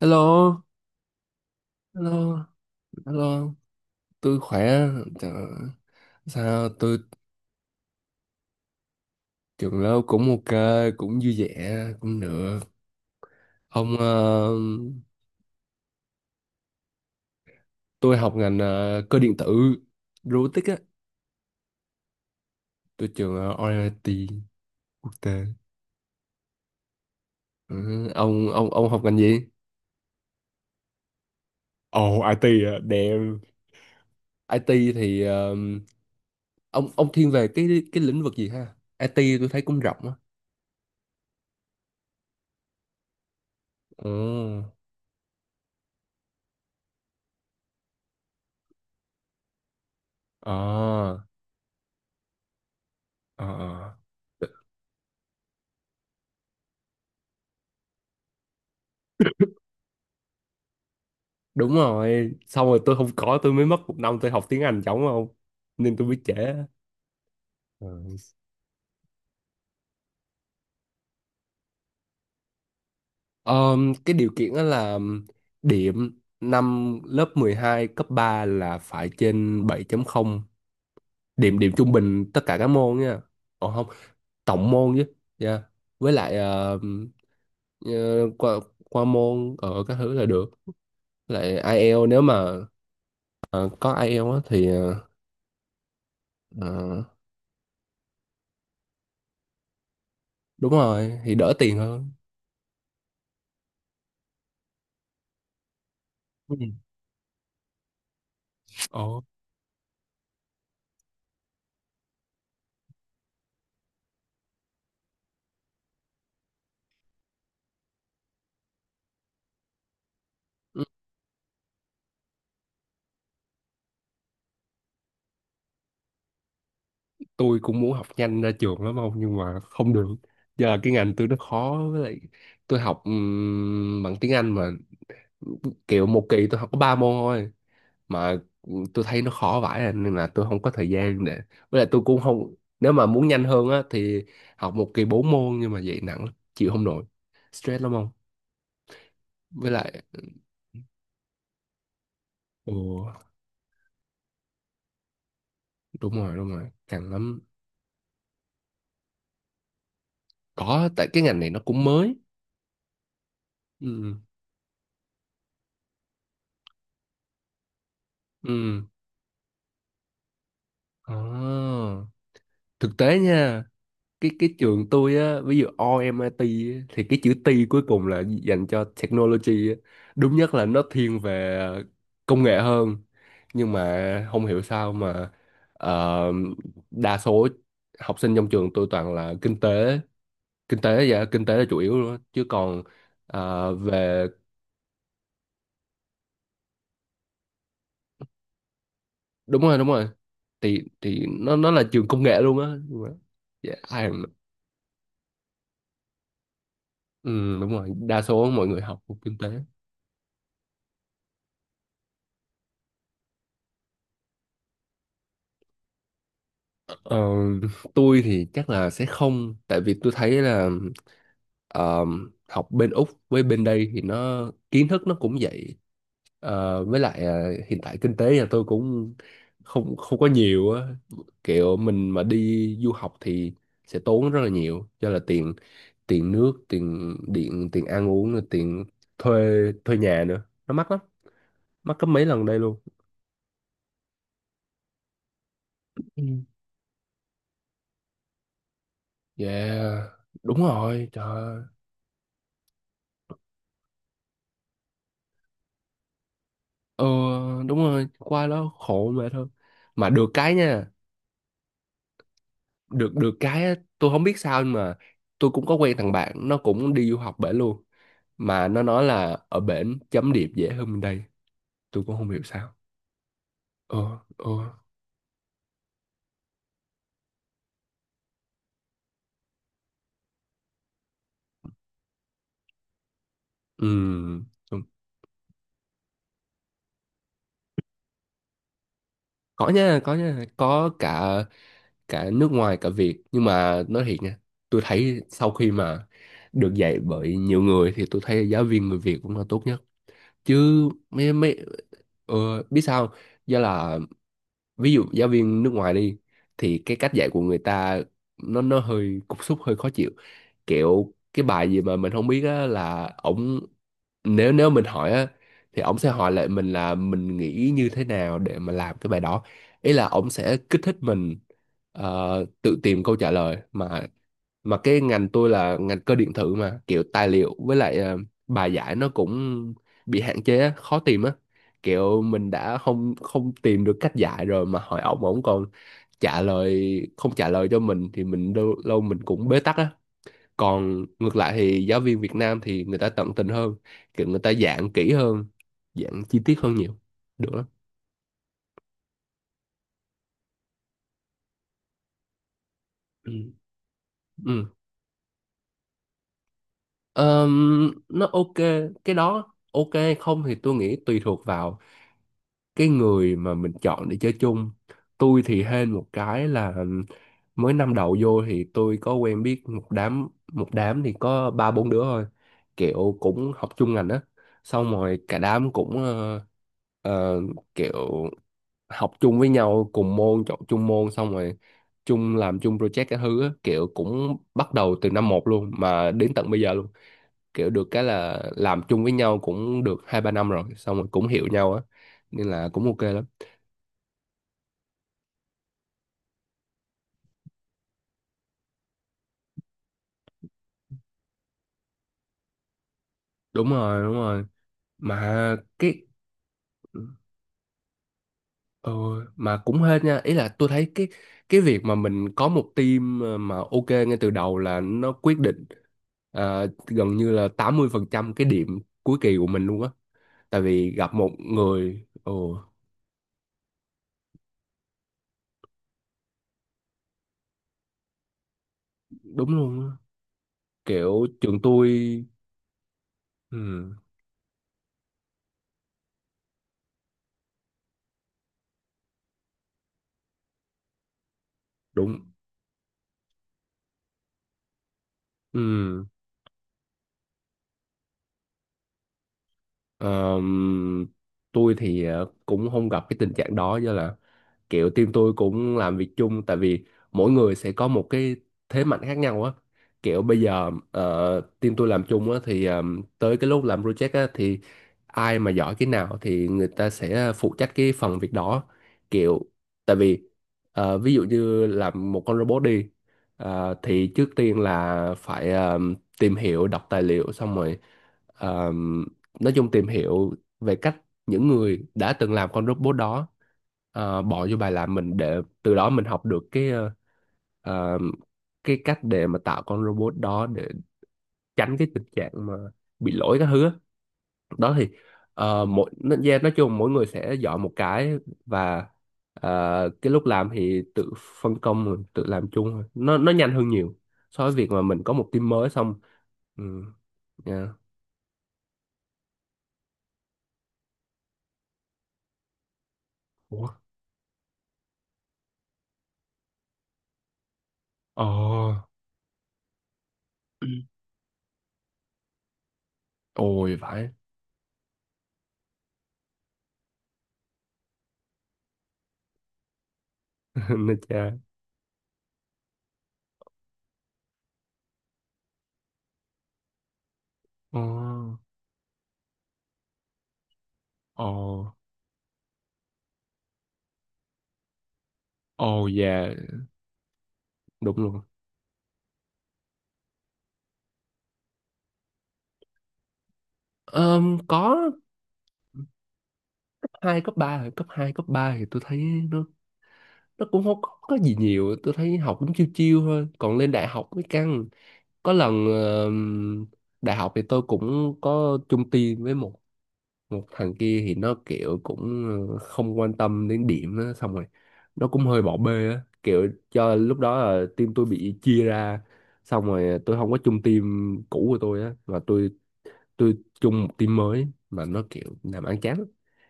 Hello, hello, hello, tôi khỏe, trời ơi, sao tôi trường lớp cũng ok, cũng vui vẻ, cũng được. Ông, ờ, tôi học ngành cơ điện tử, robotics á, tôi trường RIT quốc tế. Ừ, ông học ngành gì? Ồ, IT à, damn. IT thì ông thiên về cái lĩnh vực gì ha? IT tôi thấy cũng rộng á. Ồ, à, à. Đúng rồi, xong rồi tôi không có tôi mới mất một năm tôi học tiếng Anh chống không nên tôi biết trễ. Ừ. Cái điều kiện đó là điểm năm lớp 12 cấp 3 là phải trên 7.0, điểm điểm trung bình tất cả các môn nha. Ồ không, tổng môn chứ, yeah. Với lại ờ, qua qua môn ở các thứ là được. Với lại IELTS nếu mà ờ, có IELTS á thì ờ, đúng rồi thì đỡ tiền hơn. Ừ. Ồ, tôi cũng muốn học nhanh ra trường lắm ông, nhưng mà không được. Giờ là cái ngành tôi nó khó, với lại tôi học bằng tiếng Anh mà kiểu một kỳ tôi học có ba môn thôi. Mà tôi thấy nó khó vãi à, nên là tôi không có thời gian để, với lại tôi cũng không, nếu mà muốn nhanh hơn á thì học một kỳ bốn môn nhưng mà vậy nặng lắm, chịu không nổi, stress lắm không. Với lại ồ, đúng rồi, đúng rồi căng lắm. Có, tại cái ngành này nó cũng mới. Ừ, ừ, à, thực tế nha. Cái trường tôi á ví dụ RMIT á, thì cái chữ T cuối cùng là dành cho technology á. Đúng nhất là nó thiên về công nghệ hơn, nhưng mà không hiểu sao mà ờ, đa số học sinh trong trường tôi toàn là kinh tế. Kinh tế, dạ kinh tế là chủ yếu luôn á. Chứ còn về đúng rồi, đúng rồi thì nó là trường công nghệ luôn á. Nhưng mà- dạ ai mà- ừ, đúng rồi đa số mọi người học kinh tế. Ờ, tôi thì chắc là sẽ không, tại vì tôi thấy là ờ, học bên Úc với bên đây thì nó kiến thức nó cũng vậy. Ờ, với lại hiện tại kinh tế nhà tôi cũng không không có nhiều á, kiểu mình mà đi du học thì sẽ tốn rất là nhiều do là tiền tiền nước, tiền điện, tiền ăn uống rồi tiền thuê thuê nhà nữa, nó mắc lắm, mắc gấp mấy lần đây luôn. Ừ. Yeah, đúng rồi, trời ơi. Ờ đúng rồi, qua đó khổ mà thôi. Mà được cái nha, được được cái á, tôi không biết sao nhưng mà tôi cũng có quen thằng bạn nó cũng đi du học bển luôn, mà nó nói là ở bển chấm điểm dễ hơn bên đây. Tôi cũng không hiểu sao. Ờ, ờ, ừ. Ừ. Có nha, có nha, có cả cả nước ngoài cả Việt, nhưng mà nói thiệt nha, tôi thấy sau khi mà được dạy bởi nhiều người thì tôi thấy giáo viên người Việt cũng là tốt nhất. Chứ mấy mấy ờ, biết sao không? Do là ví dụ giáo viên nước ngoài đi thì cái cách dạy của người ta nó hơi cục súc, hơi khó chịu, kiểu cái bài gì mà mình không biết á là ổng, nếu nếu mình hỏi á thì ổng sẽ hỏi lại mình là mình nghĩ như thế nào để mà làm cái bài đó. Ý là ổng sẽ kích thích mình ờ, tự tìm câu trả lời mà cái ngành tôi là ngành cơ điện tử mà kiểu tài liệu với lại bài giải nó cũng bị hạn chế á, khó tìm á, kiểu mình đã không không tìm được cách giải rồi mà hỏi ổng ổng còn trả lời không trả lời cho mình thì mình lâu, lâu mình cũng bế tắc á. Còn ngược lại thì giáo viên Việt Nam thì người ta tận tình hơn, kiểu người ta dạng kỹ hơn, dạng chi tiết hơn nhiều, được lắm. Ừ. Ừ. Nó ok, cái đó ok, không thì tôi nghĩ tùy thuộc vào cái người mà mình chọn để chơi chung. Tôi thì hên một cái là mới năm đầu vô thì tôi có quen biết một đám, thì có ba bốn đứa thôi, kiểu cũng học chung ngành á, xong rồi cả đám cũng ờ, kiểu học chung với nhau cùng môn, chọn chung môn, xong rồi làm chung project cái thứ á, kiểu cũng bắt đầu từ năm một luôn mà đến tận bây giờ luôn. Kiểu được cái là làm chung với nhau cũng được hai ba năm rồi, xong rồi cũng hiểu nhau á, nên là cũng ok lắm. Đúng rồi, đúng rồi mà cái ừ, mà cũng hên nha, ý là tôi thấy cái việc mà mình có một team mà ok ngay từ đầu là nó quyết định à, gần như là 80% cái điểm cuối kỳ của mình luôn á, tại vì gặp một người. Ồ đúng luôn á. Kiểu trường tôi, ừ, đúng. Ừ. ờm, tôi thì cũng không gặp cái tình trạng đó do là kiểu team tôi cũng làm việc chung, tại vì mỗi người sẽ có một cái thế mạnh khác nhau á. Kiểu bây giờ team tôi làm chung á thì tới cái lúc làm project á thì ai mà giỏi cái nào thì người ta sẽ phụ trách cái phần việc đó, kiểu, tại vì ví dụ như làm một con robot đi, thì trước tiên là phải tìm hiểu đọc tài liệu xong rồi ờ, nói chung tìm hiểu về cách những người đã từng làm con robot đó, bỏ vô bài làm mình để từ đó mình học được cái ờ, cái cách để mà tạo con robot đó để tránh cái tình trạng mà bị lỗi các thứ á. Đó thì yeah, nói chung mỗi người sẽ giỏi một cái và cái lúc làm thì tự phân công rồi, tự làm chung thôi. Nó nhanh hơn nhiều so với việc mà mình có một team mới xong. Ừ, yeah. Ủa? Ờ. Ôi phải. Nó cha. Ồ. Ồ. Ồ, dạ. Đúng luôn. Có. Cấp 2 cấp 3 thì tôi thấy nó nó cũng không có gì nhiều, tôi thấy học cũng chiêu chiêu thôi, còn lên đại học mới căng. Có lần đại học thì tôi cũng có chung team với một một thằng kia thì nó kiểu cũng không quan tâm đến điểm á, xong rồi nó cũng hơi bỏ bê á, kiểu cho lúc đó là team tôi bị chia ra, xong rồi tôi không có chung team cũ của tôi á mà tôi chung một team mới mà nó kiểu làm ăn chán lắm.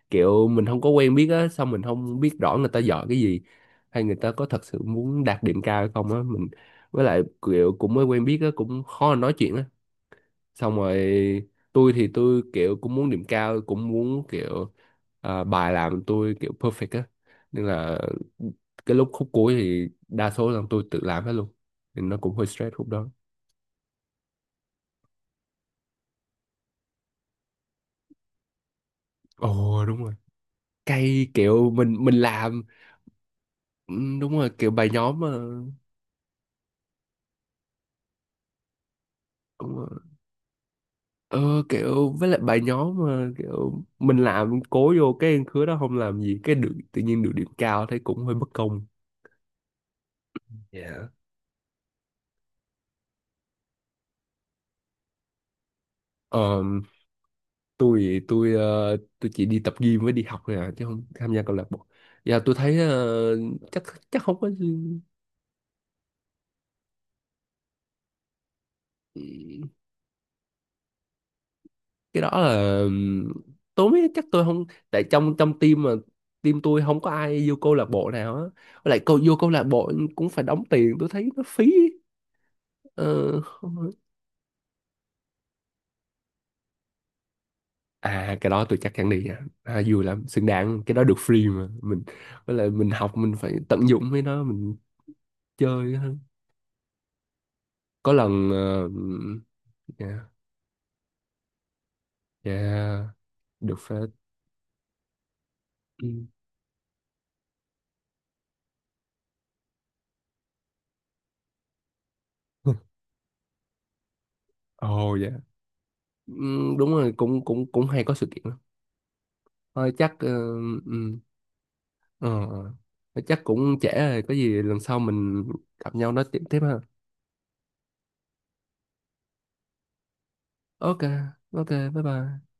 Kiểu mình không có quen biết á, xong mình không biết rõ người ta giỏi cái gì hay người ta có thật sự muốn đạt điểm cao hay không á mình, với lại kiểu cũng mới quen biết á cũng khó nói chuyện á, xong rồi tôi thì tôi kiểu cũng muốn điểm cao, cũng muốn kiểu à, bài làm tôi kiểu perfect á, nên là cái lúc khúc cuối thì đa số là tôi tự làm hết luôn, nên nó cũng hơi stress khúc đó. Ồ đúng rồi, cay kiểu mình làm. Ừ, đúng rồi kiểu bài nhóm mà. Đúng rồi. ờ Kiểu với lại bài nhóm mà kiểu mình làm cố vô cái khứa đó không làm gì cái được tự nhiên được điểm cao thấy cũng hơi bất công. Dạ. ờ tôi chỉ đi tập gym với đi học thôi à, chứ không tham gia câu lạc bộ. Dạ tôi thấy chắc, không có gì- Cái đó là tôi mới chắc tôi không, tại trong trong team mà team tôi không có ai vô câu lạc bộ nào á. Với lại vô câu lạc bộ cũng phải đóng tiền, tôi thấy nó phí. Ờ, không- à cái đó tôi chắc chắn đi nha, à vui lắm, xứng đáng, cái đó được free mà mình, với lại mình học mình phải tận dụng với nó mình chơi hơn. Có lần dạ, dạ, được phép. Ừ. Ồ, dạ. Ừ, đúng rồi cũng cũng cũng hay có sự kiện lắm. Thôi chắc ừ, ờ, ờ. Thôi chắc cũng trễ rồi, có gì lần sau mình gặp nhau nói chuyện tiếp ha. Ok ok, bye bye.